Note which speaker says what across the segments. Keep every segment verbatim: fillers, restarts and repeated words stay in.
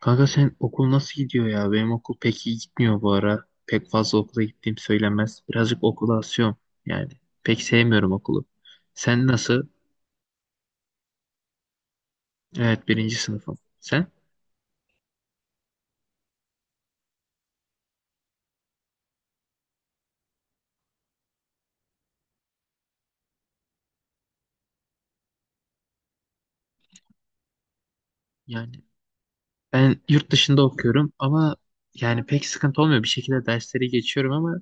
Speaker 1: Kanka sen okul nasıl gidiyor ya? Benim okul pek iyi gitmiyor bu ara. Pek fazla okula gittiğim söylenmez. Birazcık okula asıyorum yani. Pek sevmiyorum okulu. Sen nasıl? Evet birinci sınıfım. Sen? Yani ben yurt dışında okuyorum ama yani pek sıkıntı olmuyor. Bir şekilde dersleri geçiyorum ama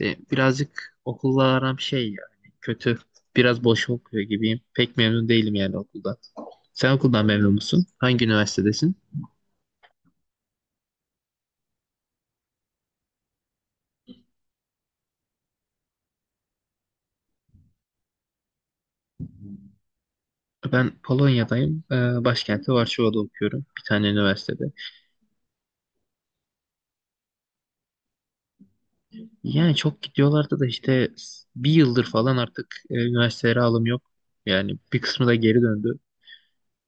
Speaker 1: e, birazcık okulla aram şey yani kötü. Biraz boş okuyor gibiyim. Pek memnun değilim yani okulda. Sen okuldan memnun musun? Hangi üniversitedesin? Ben Polonya'dayım. Ee, Başkenti Varşova'da okuyorum. Bir tane üniversitede. Yani çok gidiyorlardı da işte s- bir yıldır falan artık e, üniversitelere alım yok. Yani bir kısmı da geri döndü.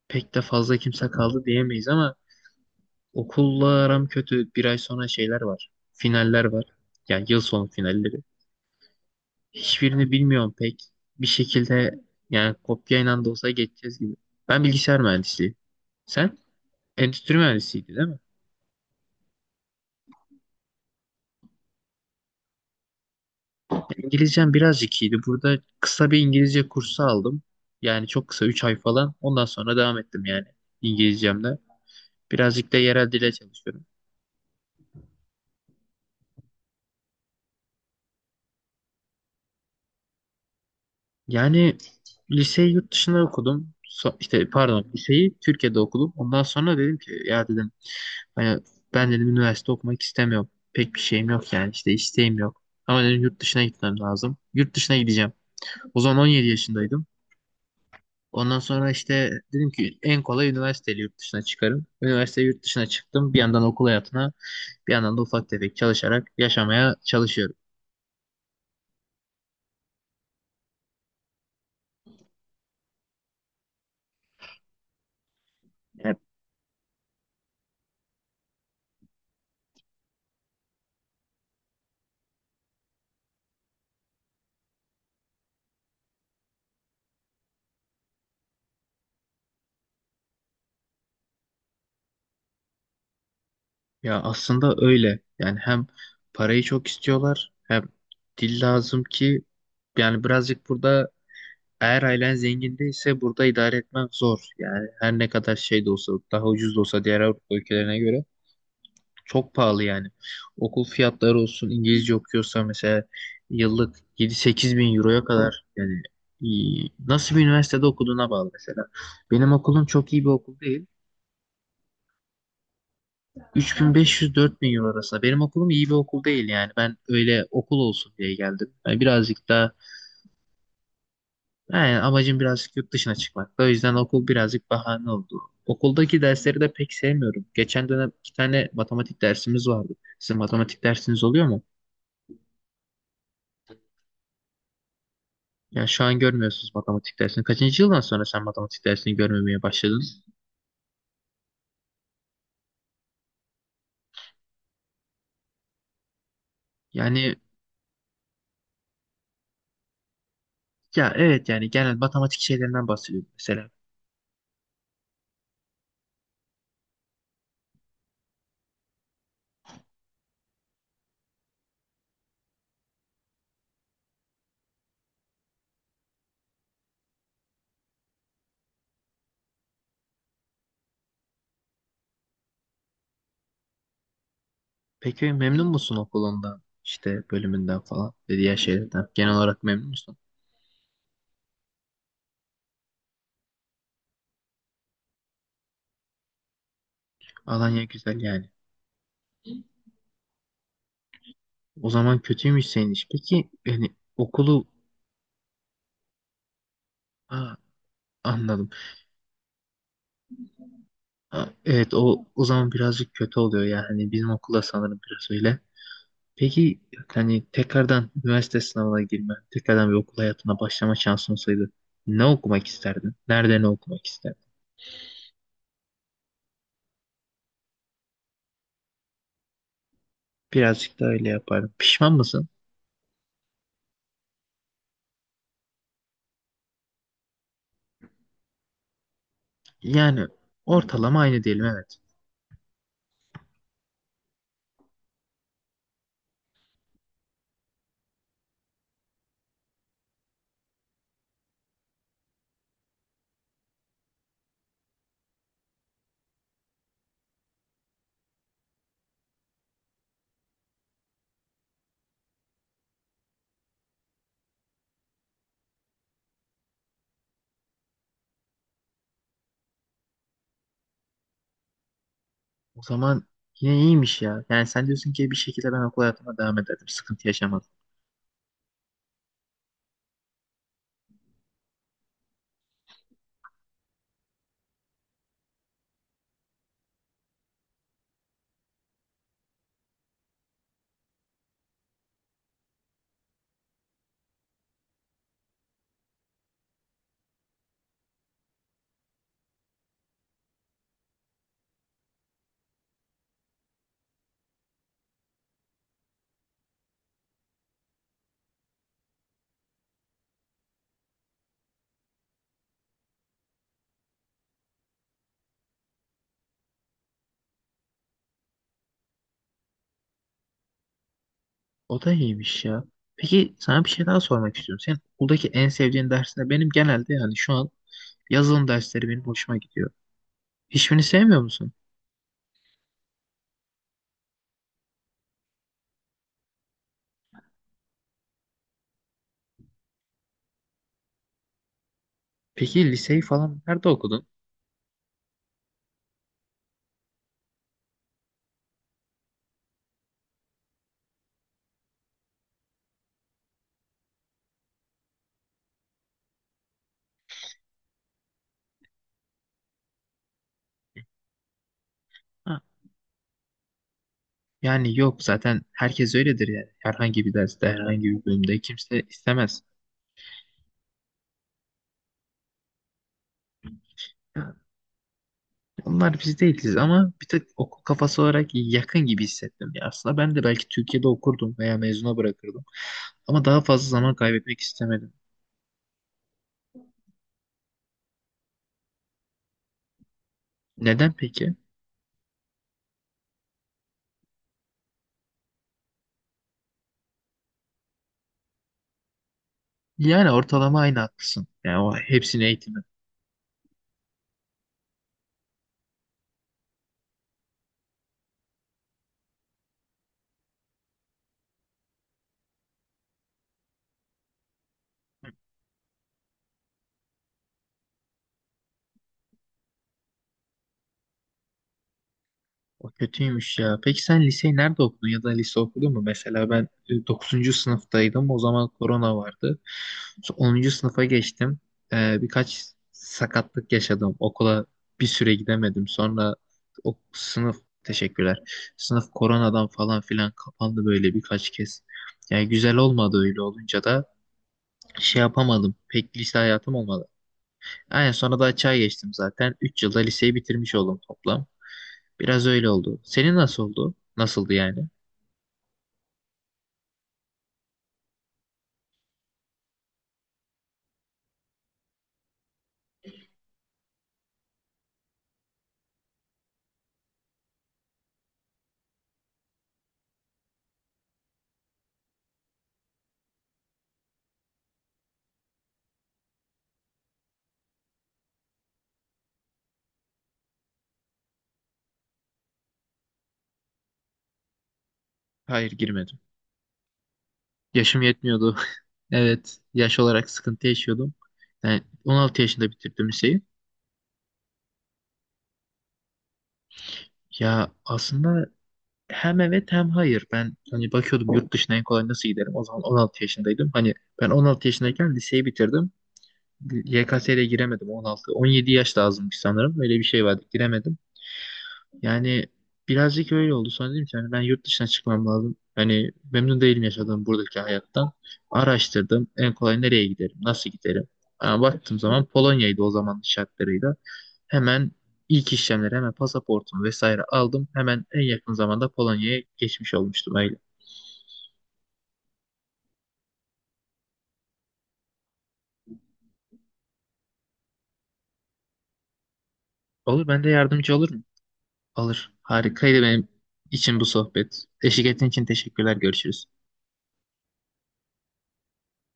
Speaker 1: Pek de fazla kimse kaldı diyemeyiz ama okulla aram kötü. Bir ay sonra şeyler var. Finaller var. Yani yıl sonu finalleri. Hiçbirini bilmiyorum pek. Bir şekilde yani kopyayla da olsa geçeceğiz gibi. Ben bilgisayar mühendisliği. Sen endüstri mühendisiydi değil mi? İngilizcem birazcık iyiydi. Burada kısa bir İngilizce kursu aldım. Yani çok kısa üç ay falan. Ondan sonra devam ettim yani İngilizcemle. Birazcık da yerel dile çalışıyorum. Yani liseyi yurt dışında okudum. So- işte pardon liseyi Türkiye'de okudum. Ondan sonra dedim ki ya dedim hani ben dedim üniversite okumak istemiyorum. Pek bir şeyim yok yani işte isteğim yok. Ama dedim yurt dışına gitmem lazım. Yurt dışına gideceğim. O zaman on yedi yaşındaydım. Ondan sonra işte dedim ki en kolay üniversiteyle yurt dışına çıkarım. Üniversite yurt dışına çıktım. Bir yandan okul hayatına, bir yandan da ufak tefek çalışarak yaşamaya çalışıyorum. Hep Ya aslında öyle. Yani hem parayı çok istiyorlar, hem dil lazım ki yani birazcık burada eğer ailen zengin değilse burada idare etmek zor. Yani her ne kadar şey de olsa, daha ucuz da olsa diğer Avrupa ülkelerine göre çok pahalı yani. Okul fiyatları olsun, İngilizce okuyorsa mesela yıllık yedi sekiz bin euroya kadar yani iyi. Nasıl bir üniversitede okuduğuna bağlı mesela. Benim okulum çok iyi bir okul değil. üç bin beş yüz-dört bin euro arasında. Benim okulum iyi bir okul değil yani. Ben öyle okul olsun diye geldim. Yani birazcık daha yani amacım birazcık yurt dışına çıkmak. O yüzden okul birazcık bahane oldu. Okuldaki dersleri de pek sevmiyorum. Geçen dönem iki tane matematik dersimiz vardı. Sizin matematik dersiniz oluyor mu? Ya şu an görmüyorsunuz matematik dersini. Kaçıncı yıldan sonra sen matematik dersini görmemeye başladın? Yani ya evet yani genel matematik şeylerinden bahsediyorum mesela. Peki memnun musun okulundan, işte bölümünden falan ve diğer şeylerden? Genel olarak memnun musun? Alanya güzel yani. O zaman kötüymüş senin iş. Peki yani okulu ha, anladım. Ha, evet o o zaman birazcık kötü oluyor yani bizim okulda sanırım biraz öyle. Peki hani tekrardan üniversite sınavına girme, tekrardan bir okul hayatına başlama şansın olsaydı ne okumak isterdin? Nerede ne okumak isterdin? Birazcık da öyle yapardım. Pişman mısın? Yani ortalama aynı diyelim, evet. O zaman yine iyiymiş ya. Yani sen diyorsun ki bir şekilde ben okul hayatıma devam ederdim. Sıkıntı yaşamadım. O da iyiymiş ya. Peki sana bir şey daha sormak istiyorum. Senin okuldaki en sevdiğin ders ne? Benim genelde yani şu an yazılım dersleri benim hoşuma gidiyor. Hiçbirini sevmiyor musun? Peki liseyi falan nerede okudun? Ha, yani yok zaten herkes öyledir yani. Herhangi bir derste, herhangi bir bölümde kimse istemez. Yani onlar biz değiliz ama bir tık okul kafası olarak yakın gibi hissettim. Ya aslında ben de belki Türkiye'de okurdum veya mezuna bırakırdım. Ama daha fazla zaman kaybetmek istemedim. Neden peki? Yani ortalama aynı haklısın. Yani o hepsini eğitim. O kötüymüş ya. Peki sen liseyi nerede okudun ya da lise okudun mu? Mesela ben e, dokuzuncu sınıftaydım. O zaman korona vardı. Sonra onuncu sınıfa geçtim. Ee, birkaç sakatlık yaşadım. Okula bir süre gidemedim. Sonra o sınıf teşekkürler. Sınıf koronadan falan filan kapandı böyle birkaç kez. Yani güzel olmadı öyle olunca da şey yapamadım. Pek lise hayatım olmadı. Aynen, sonra da açığa geçtim zaten. üç yılda liseyi bitirmiş oldum toplam. Biraz öyle oldu. Senin nasıl oldu? Nasıldı yani? Hayır girmedim. Yaşım yetmiyordu. Evet, yaş olarak sıkıntı yaşıyordum. Yani on altı yaşında bitirdim liseyi. Ya aslında hem evet hem hayır. Ben hani bakıyordum yurt dışına en kolay nasıl giderim. O zaman on altı yaşındaydım. Hani ben on altı yaşındayken liseyi bitirdim. Y K S'ye giremedim on altı. on yedi yaş lazımmış sanırım. Öyle bir şey vardı. Giremedim. Yani birazcık öyle oldu. Sonra dedim ki hani ben yurt dışına çıkmam lazım. Hani memnun değilim yaşadığım buradaki hayattan. Araştırdım. En kolay nereye giderim? Nasıl giderim? Ha, baktığım zaman Polonya'ydı o zamanın şartlarıyla. Hemen ilk işlemleri hemen pasaportumu vesaire aldım. Hemen en yakın zamanda Polonya'ya geçmiş olmuştum öyle. Olur ben de yardımcı olur mu? Olur. Harikaydı benim için bu sohbet. Eşlik ettiğin için teşekkürler. Görüşürüz.